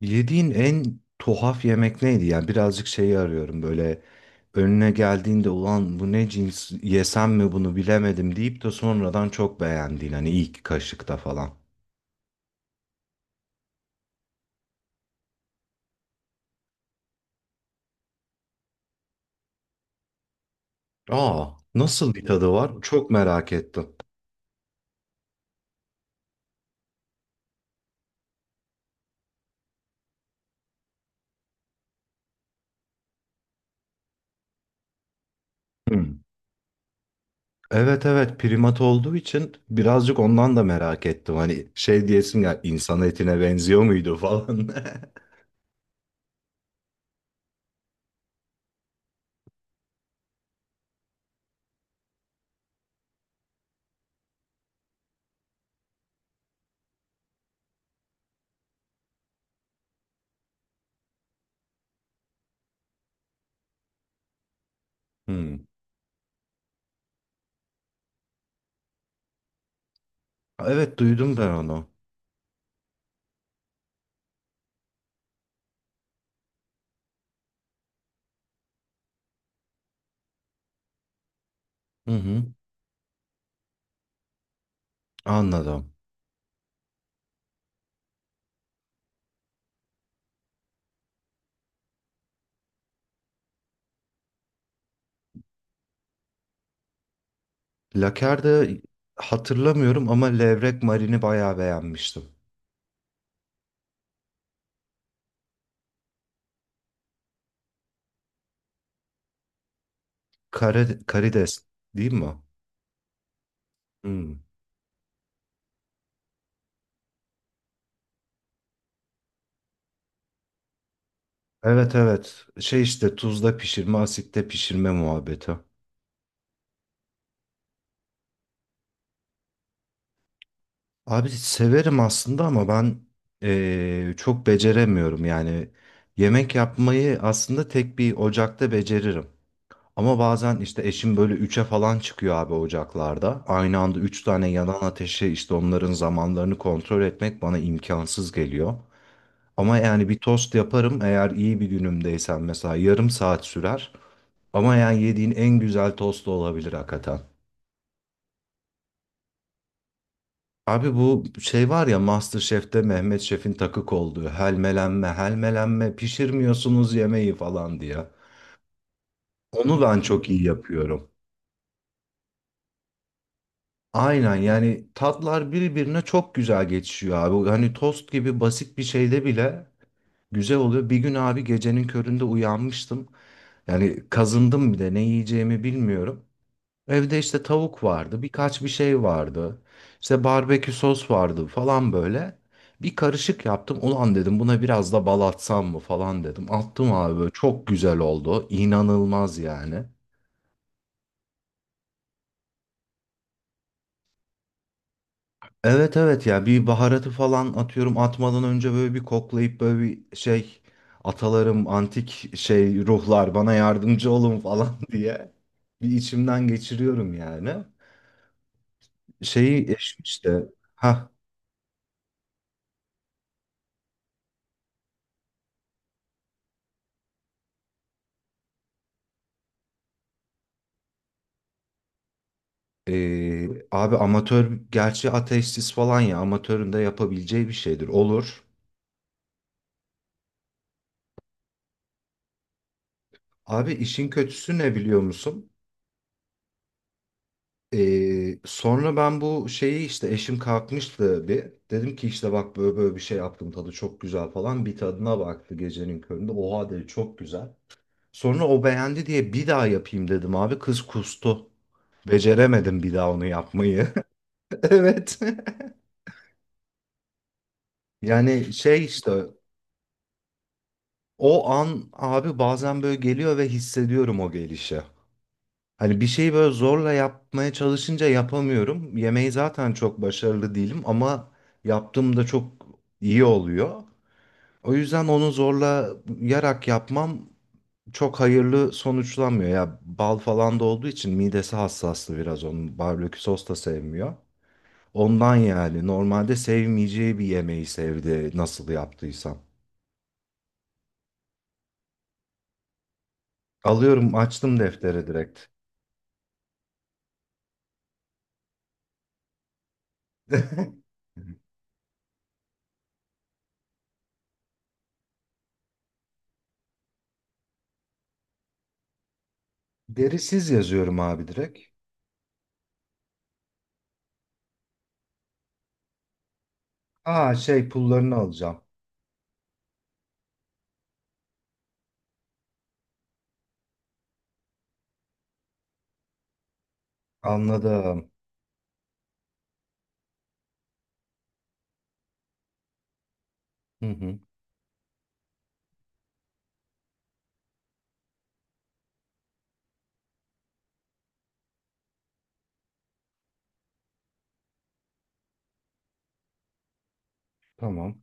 Yediğin en tuhaf yemek neydi? Yani birazcık şeyi arıyorum böyle önüne geldiğinde ulan bu ne cins yesem mi bunu bilemedim deyip de sonradan çok beğendiğin hani ilk kaşıkta falan. Aa nasıl bir tadı var? Çok merak ettim. Hmm. Evet evet, primat olduğu için birazcık ondan da merak ettim. Hani şey diyesin ya, insan etine benziyor muydu falan. Hmm. Evet, duydum ben onu. Hı hı, anladım. Laker'de hatırlamıyorum ama levrek marini bayağı beğenmiştim. Kare, karides değil mi o? Hmm. Evet evet. Şey işte tuzda pişirme, asitte pişirme muhabbeti. Abi severim aslında ama ben çok beceremiyorum yani. Yemek yapmayı aslında tek bir ocakta beceririm. Ama bazen işte eşim böyle üçe falan çıkıyor abi ocaklarda. Aynı anda üç tane yanan ateşe, işte onların zamanlarını kontrol etmek bana imkansız geliyor. Ama yani bir tost yaparım, eğer iyi bir günümdeysem mesela yarım saat sürer. Ama yani yediğin en güzel tost da olabilir hakikaten. Abi bu şey var ya, MasterChef'te Mehmet Şef'in takık olduğu, helmelenme helmelenme pişirmiyorsunuz yemeği falan diye. Onu ben çok iyi yapıyorum. Aynen, yani tatlar birbirine çok güzel geçişiyor abi. Hani tost gibi basit bir şeyde bile güzel oluyor. Bir gün abi gecenin köründe uyanmıştım. Yani kazındım bir de, ne yiyeceğimi bilmiyorum. Evde işte tavuk vardı, birkaç bir şey vardı. İşte barbekü sos vardı falan böyle. Bir karışık yaptım. Ulan dedim buna biraz da bal atsam mı falan dedim. Attım abi, böyle çok güzel oldu. İnanılmaz yani. Evet evet ya, bir baharatı falan atıyorum, atmadan önce böyle bir koklayıp böyle bir şey, atalarım antik şey ruhlar bana yardımcı olun falan diye bir içimden geçiriyorum yani. Şeyi eşim işte ha. Abi amatör, gerçi ateistsiz falan, ya amatörün de yapabileceği bir şeydir, olur. Abi işin kötüsü ne biliyor musun? Sonra ben bu şeyi işte, eşim kalkmıştı bir. Dedim ki işte bak böyle böyle bir şey yaptım, tadı çok güzel falan. Bir tadına baktı gecenin köründe. Oha dedi, çok güzel. Sonra o beğendi diye bir daha yapayım dedim abi. Kız kustu. Beceremedim bir daha onu yapmayı. Evet. Yani şey işte, o an abi bazen böyle geliyor ve hissediyorum o gelişi. Hani bir şeyi böyle zorla yapmaya çalışınca yapamıyorum. Yemeği zaten çok başarılı değilim ama yaptığımda çok iyi oluyor. O yüzden onu zorla yarak yapmam çok hayırlı sonuçlanmıyor. Ya bal falan da olduğu için midesi hassaslı biraz onun. Barbekü sos da sevmiyor. Ondan yani, normalde sevmeyeceği bir yemeği sevdi, nasıl yaptıysam. Alıyorum, açtım deftere direkt. Derisiz yazıyorum abi direkt. Aa, şey, pullarını alacağım. Anladım. Hı hı, tamam.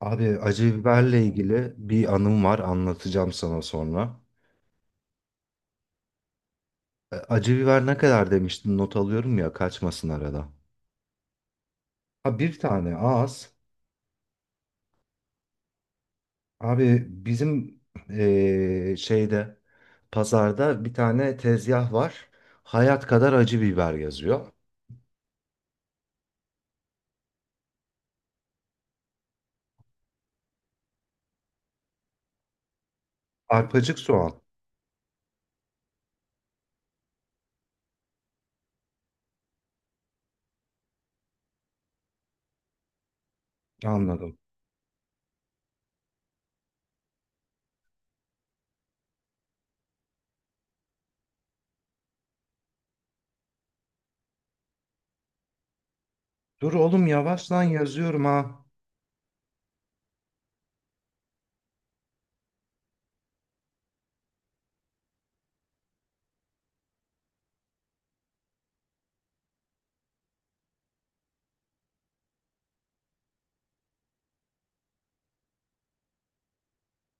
Abi, acı biberle ilgili bir anım var, anlatacağım sana sonra. Acı biber ne kadar demiştin, not alıyorum ya, kaçmasın arada. Ha, bir tane az. Abi bizim şeyde, pazarda bir tane tezgah var. Hayat kadar acı biber yazıyor. Arpacık soğan. Anladım. Dur oğlum, yavaştan yazıyorum ha.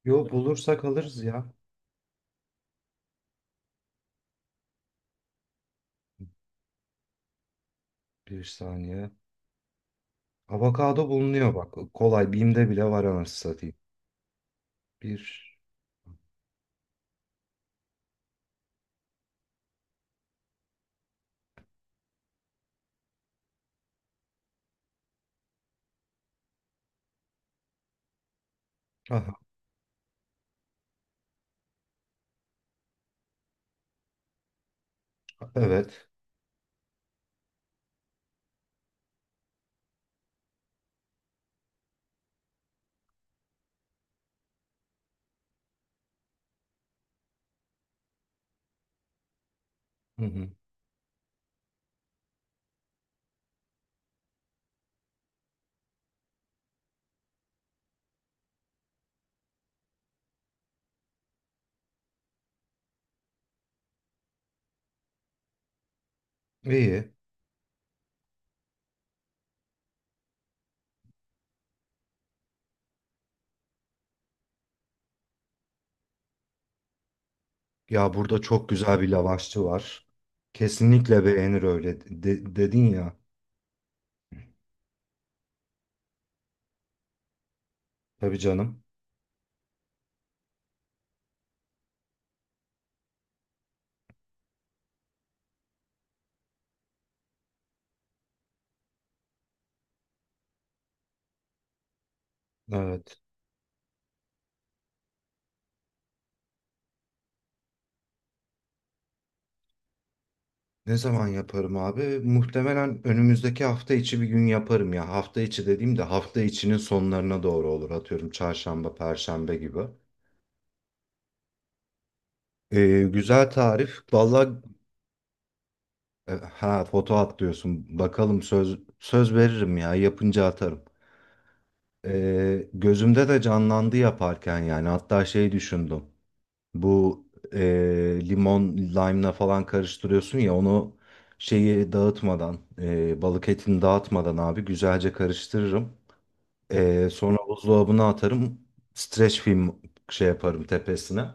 Yo, bulursak alırız ya. Bir saniye. Avokado bulunuyor bak. Kolay. Bim'de bile var, anasını satayım. Bir. Aha, evet. Hı hı. İyi. Ya, burada çok güzel bir lavaşçı var. Kesinlikle beğenir, öyle de- dedin ya. Tabii canım. Evet. Ne zaman yaparım abi? Muhtemelen önümüzdeki hafta içi bir gün yaparım ya. Hafta içi dediğim de hafta içinin sonlarına doğru olur. Atıyorum çarşamba, perşembe gibi. Güzel tarif. Vallahi, ha foto at diyorsun. Bakalım, söz veririm ya, yapınca atarım. Gözümde de canlandı yaparken, yani hatta şey düşündüm. Bu, e, limon lime'la falan karıştırıyorsun ya onu, şeyi dağıtmadan, balık etini dağıtmadan abi güzelce karıştırırım. Sonra buzdolabına atarım. Streç film şey yaparım tepesine.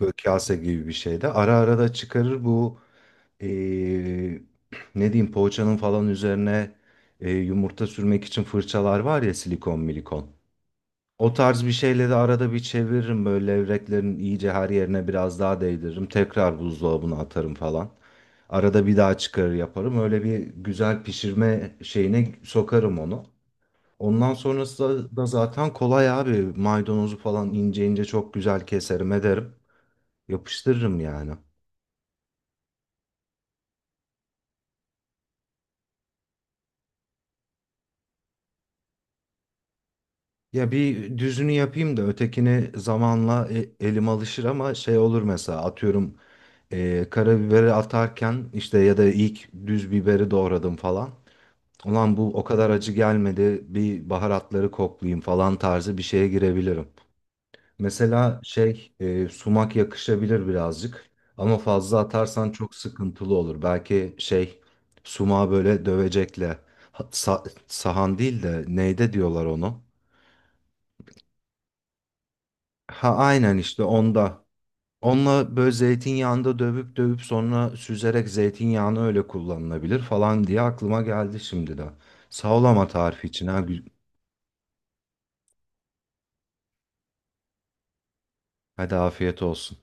Böyle kase gibi bir şeyde. Ara ara da çıkarır bu, eee, ne diyeyim, poğaçanın falan üzerine, yumurta sürmek için fırçalar var ya, silikon milikon. O tarz bir şeyle de arada bir çeviririm, böyle levreklerin iyice her yerine biraz daha değdiririm. Tekrar buzdolabına atarım falan. Arada bir daha çıkarır yaparım. Öyle bir güzel pişirme şeyine sokarım onu. Ondan sonrası da zaten kolay abi. Maydanozu falan ince ince çok güzel keserim ederim. Yapıştırırım yani. Ya bir düzünü yapayım da ötekini zamanla e- elim alışır, ama şey olur mesela, atıyorum karabiberi atarken işte, ya da ilk düz biberi doğradım falan. Ulan bu o kadar acı gelmedi, bir baharatları koklayayım falan tarzı bir şeye girebilirim. Mesela şey, sumak yakışabilir birazcık ama fazla atarsan çok sıkıntılı olur. Belki şey, sumağı böyle dövecekle, ha- sa- sahan değil de neyde diyorlar onu. Ha aynen, işte onda. Onunla böyle zeytinyağında dövüp dövüp sonra süzerek zeytinyağını öyle kullanılabilir falan diye aklıma geldi şimdi de. Sağ ol ama tarifi için ha. Gü- Hadi afiyet olsun.